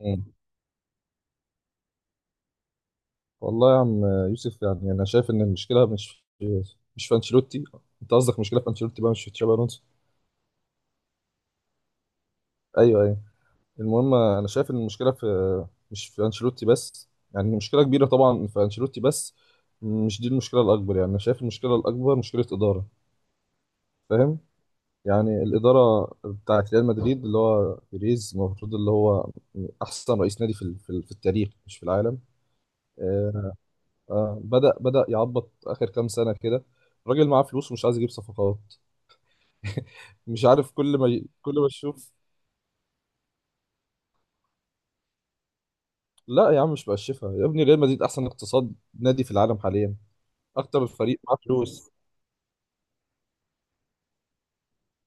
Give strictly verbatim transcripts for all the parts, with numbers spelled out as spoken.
مم. والله يا عم يوسف، يعني انا شايف ان المشكله مش مش في انشيلوتي. انت قصدك مشكله في انشيلوتي بقى مش في تشابي الونسو؟ ايوه ايوه. المهم انا شايف ان المشكله في، مش في انشيلوتي بس، يعني مشكله كبيره طبعا في انشيلوتي بس مش دي المشكله الاكبر. يعني انا شايف المشكله الاكبر مشكله اداره. فاهم؟ يعني الاداره بتاعت ريال مدريد اللي هو بيريز، المفروض اللي هو احسن رئيس نادي في ال- في ال- في التاريخ، مش في العالم. آه، آه، بدأ بدأ يعبط آخر كام سنة كده. الراجل معاه فلوس ومش عايز يجيب صفقات. مش عارف كل ما ي... كل ما تشوف. لا يا عم، مش بقشفها يا ابني، ريال مدريد أحسن اقتصاد نادي في العالم حاليا. أكتر الفريق معاه فلوس.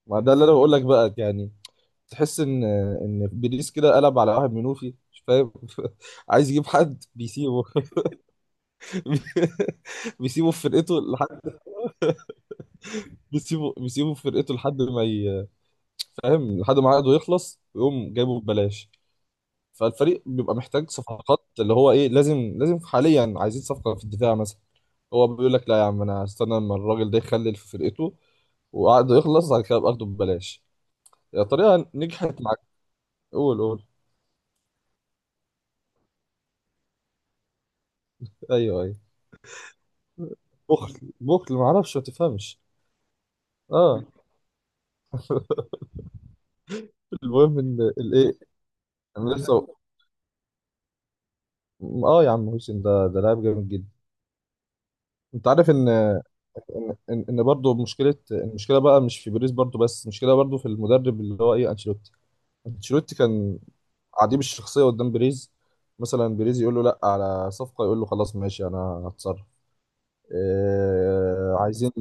ما ده اللي أنا بقول لك بقى يعني. تحس إن إن بيريز كده قلب على واحد منوفي، مش فاهم. عايز يجيب حد بيسيبه. بيسيبه في فرقته لحد، بيسيبه بيسيبه في فرقته لحد ما ي... فاهم، لحد ما عقده يخلص ويقوم جايبه ببلاش. فالفريق بيبقى محتاج صفقات اللي هو ايه، لازم لازم حاليا عايزين صفقة في الدفاع مثلا. هو بيقول لك لا يا عم انا هستنى لما الراجل ده يخلل في فرقته وعقده يخلص، بعد كده ابقى اخده ببلاش. يا طريقة نجحت معاك. قول، قول. ايوه ايوه. بخل بخل، ما اعرفش، ما تفهمش. اه. المهم ان الايه، انا لسه. اه يا عم، هوسن ده ده لاعب جامد جدا. انت عارف ان ان ان برضه مشكله، المشكله بقى مش في بيريز برضه بس، المشكله برضه في المدرب اللي هو ايه، انشيلوتي. انشيلوتي كان عديم الشخصيه قدام بيريز. مثلا بيريز يقول له لا على صفقه، يقول له خلاص ماشي انا هتصرف. إيه عايزين،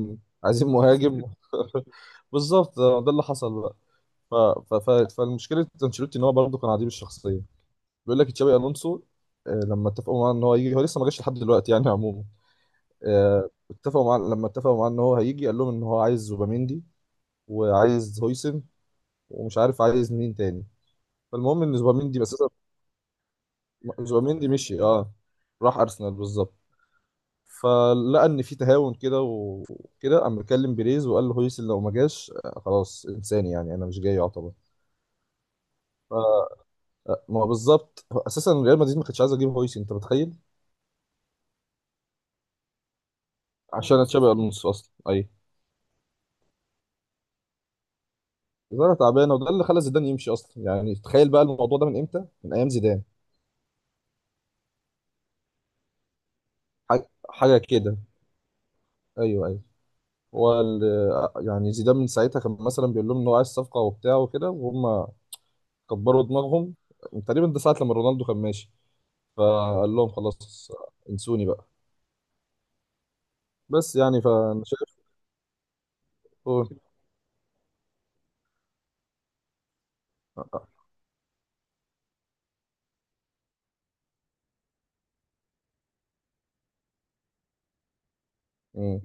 عايزين مهاجم. بالظبط ده اللي حصل بقى. ف... ف... ف... فالمشكله انشيلوتي ان هو برضه كان عديم الشخصيه. بيقول لك تشابي الونسو، آه، لما اتفقوا معاه ان هو يجي، هو لسه ما جاش لحد دلوقتي يعني عموما. آه، اتفقوا معاه لما اتفقوا معاه ان هو هيجي، قال لهم ان هو عايز زوباميندي وعايز هويسن ومش عارف عايز مين تاني. فالمهم ان زوباميندي بس، زوبيميندي مشي، اه، راح ارسنال بالظبط. فلقى ان في تهاون كده و- وكده، قام مكلم بيريز وقال له هويسن لو ما جاش، آه، خلاص انساني، يعني انا مش جاي يعتبر. ف- آه، ما هو بالظبط، هو اساسا ريال مدريد ما كانتش عايزه تجيب هويسن، انت متخيل؟ عشان تشابي الونسو اصلا، اي. الإدارة تعبانه، وده اللي خلى زيدان يمشي اصلا. يعني تخيل بقى الموضوع ده من امتى، من ايام زيدان. حاجه، حاجة كده. ايوه ايوه. هو ال- يعني زيدان من ساعتها كان مثلا بيقول لهم ان هو عايز صفقه وبتاع وكده، وهم كبروا دماغهم. تقريبا ده ساعة لما رونالدو كان ماشي، فقال لهم خلاص انسوني بقى. بس يعني، فانا شايف. هو- مم.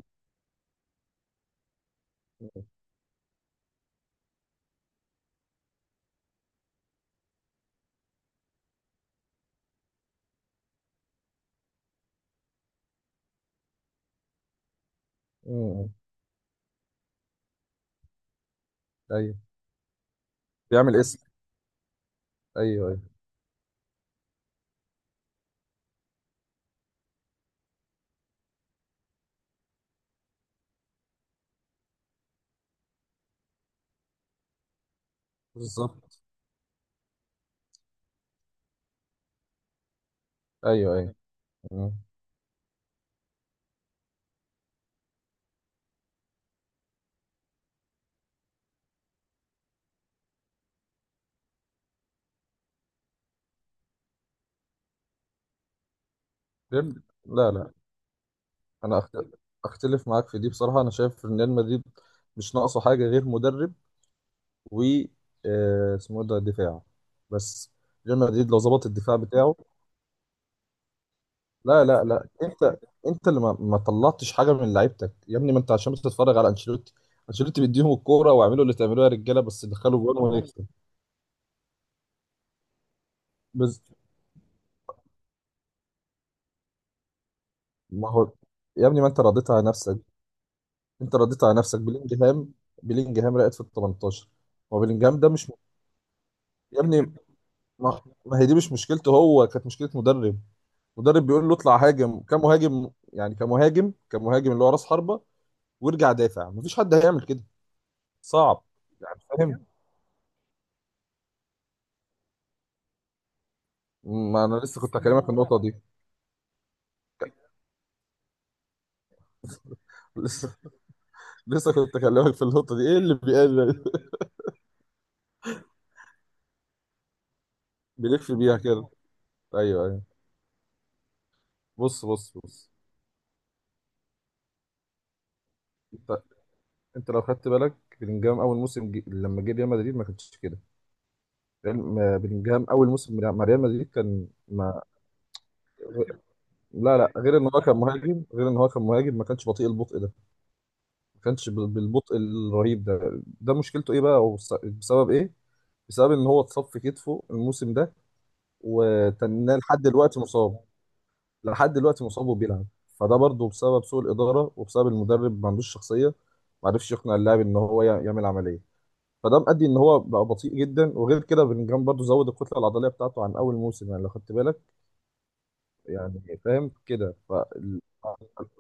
مم. ايوه، بيعمل اسم. ايوه ايوه، بالظبط. ايوه ايوه. مم. بيعمل- لا لا، انا أخت- اختلف معاك في دي بصراحة. انا شايف ان ريال مدريد مش ناقصه حاجة غير مدرب، و، آه، اسمه إيه ده، دفاع بس. ريال مدريد لو ظبط الدفاع بتاعه. لا لا لا انت، انت اللي ما, ما طلعتش حاجه من لعيبتك يا ابني، ما انت عشان بتتفرج على انشيلوتي. انشيلوتي بيديهم الكوره واعملوا اللي تعملوه يا رجاله، بس دخلوا جول ونكسب. بس ما هو، يا ابني ما انت رضيت على نفسك، انت رضيت على نفسك بلينجهام. بلينجهام رقت في ال تمنتاشر. هو بلينجهام ده مش م- يا ابني، ما, ما هي دي مش مشكلته هو، كانت مشكله مدرب. مدرب بيقول له اطلع هاجم كمهاجم، يعني كمهاجم كمهاجم اللي هو راس حربه، وارجع دافع. مفيش حد هيعمل كده، صعب. يعني فاهم؟ ما انا لسه كنت هكلمك في اسمها النقطه دي. لسه، لسه كنت هكلمك في النقطه دي، ايه اللي بيقل. بيلف بيها كده. ايوه ايوه. بص بص بص، انت، انت لو خدت بالك بلينجهام اول موسم جي... لما جه ريال مدريد ما كانش كده. ريال- ما- بلينجهام اول موسم مع ريال مدريد كان ما... لا لا، غير ان هو كان مهاجم، غير ان هو كان مهاجم ما كانش بطيء البطء ده. ما كانش بال- بالبطء الرهيب ده. ده مشكلته ايه بقى، أو الس- بسبب ايه؟ بسبب ان هو اتصاب في كتفه الموسم ده، وتناه لحد دلوقتي مصاب. لحد دلوقتي مصاب وبيلعب. فده برضه بسبب سوء الاداره وبسبب المدرب، ما عندوش شخصيه. ما عرفش يقنع اللاعب ان هو يع- يعمل عمليه. فده مؤدي ان هو بقى بطيء جدا. وغير كده بلينجهام برضه زود الكتله العضليه بتاعته عن اول موسم. يعني لو خدت بالك، يعني فاهم كده.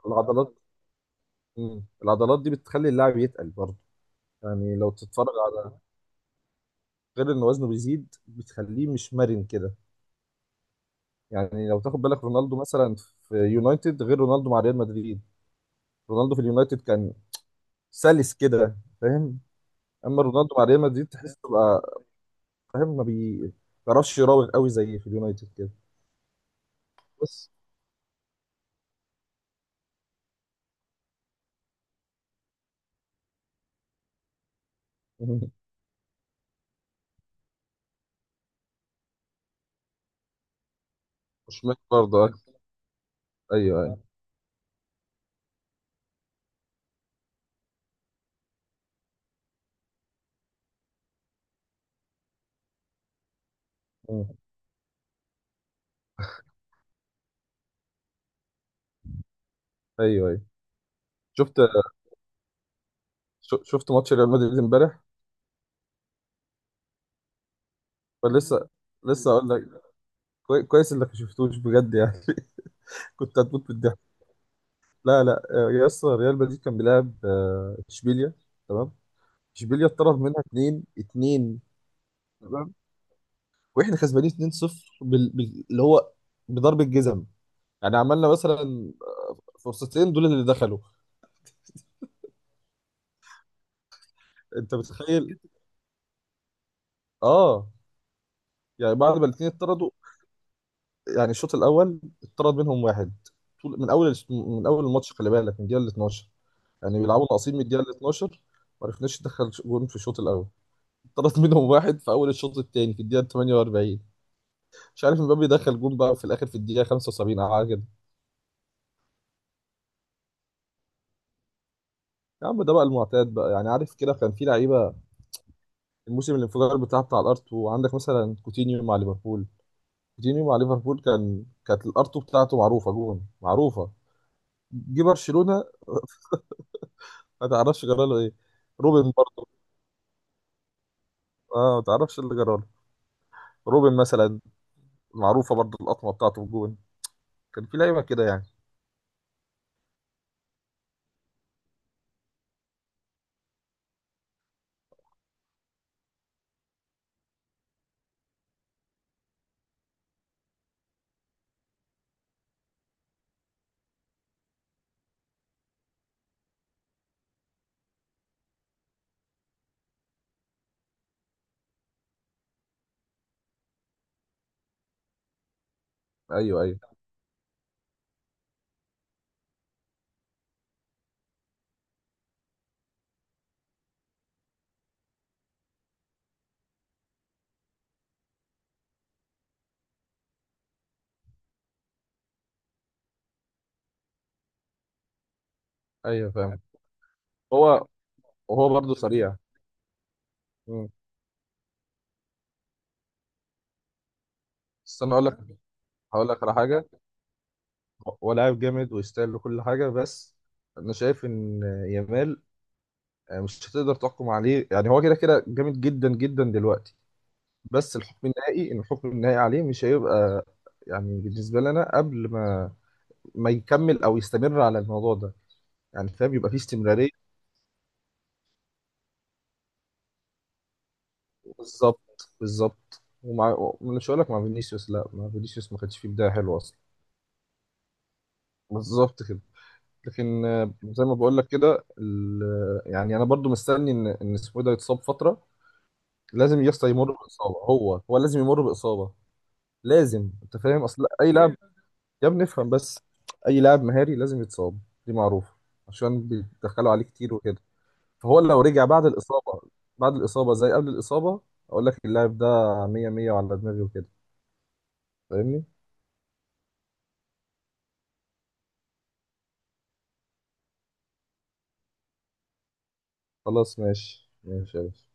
فالعضلات، العضلات دي بتخلي اللاعب يتقل برضه. يعني لو تتفرج على، غير ان وزنه بيزيد، بتخليه مش مرن كده. يعني لو تاخد بالك رونالدو مثلا في يونايتد غير رونالدو مع ريال مدريد. رونالدو في اليونايتد كان سلس كده، فاهم؟ اما رونالدو مع ريال مدريد تحس بقى، فاهم، ما بيعرفش يراوغ قوي زي في اليونايتد كده. بس. مش، مش برضه. آه. ايوه ايوه. مم. ايوه ايوه. شفت، ش- شفت ماتش ريال مدريد امبارح؟ فلسه، لسه اقول لك، كوي- كويس انك ما شفتوش بجد يعني. كنت هتموت بالضحك. لا لا، آه، يا اسطى، ريال مدريد كان بيلعب، آه، اشبيليا. تمام. اشبيليا اتطرد منها اتنين، اتنين تمام. واحنا كسبانين اتنين صفر، بال... بال... اللي هو بضرب الجزم. يعني عملنا مثلا فرصتين دول اللي دخلوا. انت متخيل؟ اه، يعني بعد ما الاثنين اتطردوا. يعني الشوط الاول اتطرد منهم واحد، طول من اول من اول الماتش، خلي بالك من الدقيقه ال اتناشر. يعني بيلعبوا ناقصين من الدقيقه ال اتناشر. ما عرفناش ندخل جون في الشوط الاول. اتطرد منهم واحد في اول الشوط الثاني في الدقيقه تمنية واربعين. مش عارف مبابي دخل جون بقى في الاخر في الدقيقه خمسة وسبعين او حاجه كده. يا عم ده بقى المعتاد بقى يعني، عارف كده، كان في لعيبه الموسم الانفجار بتاع بتاع الارت. وعندك مثلا كوتينيو مع ليفربول، كوتينيو مع ليفربول كان، كانت الارتو بتاعته معروفه، جون معروفه. جه برشلونه، ما تعرفش جراله ايه. روبن برضه، اه، ما تعرفش اللي جراله. روبن مثلا، معروفه برضه القطمه بتاعته في جون. كان في لعيبه كده يعني. ايوه ايوه ايوه فاهم. هو، وهو برضه سريع. مم. بس انا اقول لك، هقول لك على حاجه. هو لاعب جامد ويستاهل كل حاجه، بس انا شايف ان يامال مش هتقدر تحكم عليه. يعني هو كده كده جامد جدا جدا دلوقتي، بس الحكم النهائي ان الحكم النهائي عليه مش هيبقى، يعني بالنسبه لنا، قبل ما ما يكمل او يستمر على الموضوع ده. يعني فاهم، يبقى فيه استمراريه. بالظبط، بالظبط. ومع، مش هقول لك مع فينيسيوس، لا، مع فينيسيوس ما كانش فيه بدايه حلوه اصلا. بالظبط كده. لكن آه، زي ما بقول لك كده، ال- يعني انا برضو مستني ان ان اسمه إيه ده يتصاب فتره. لازم يسطا يمر باصابه، هو هو لازم يمر باصابه. لازم، انت فاهم، اصل اي لاعب، يا ابني افهم بس، اي لاعب مهاري لازم يتصاب، دي معروفه، عشان بيدخلوا عليه كتير وكده. فهو لو رجع بعد الاصابه، بعد الاصابه زي قبل الاصابه، اقول لك اللاعب ده مية مية وعلى دماغي وكده، فاهمني؟ خلاص ماشي ماشي يا باشا.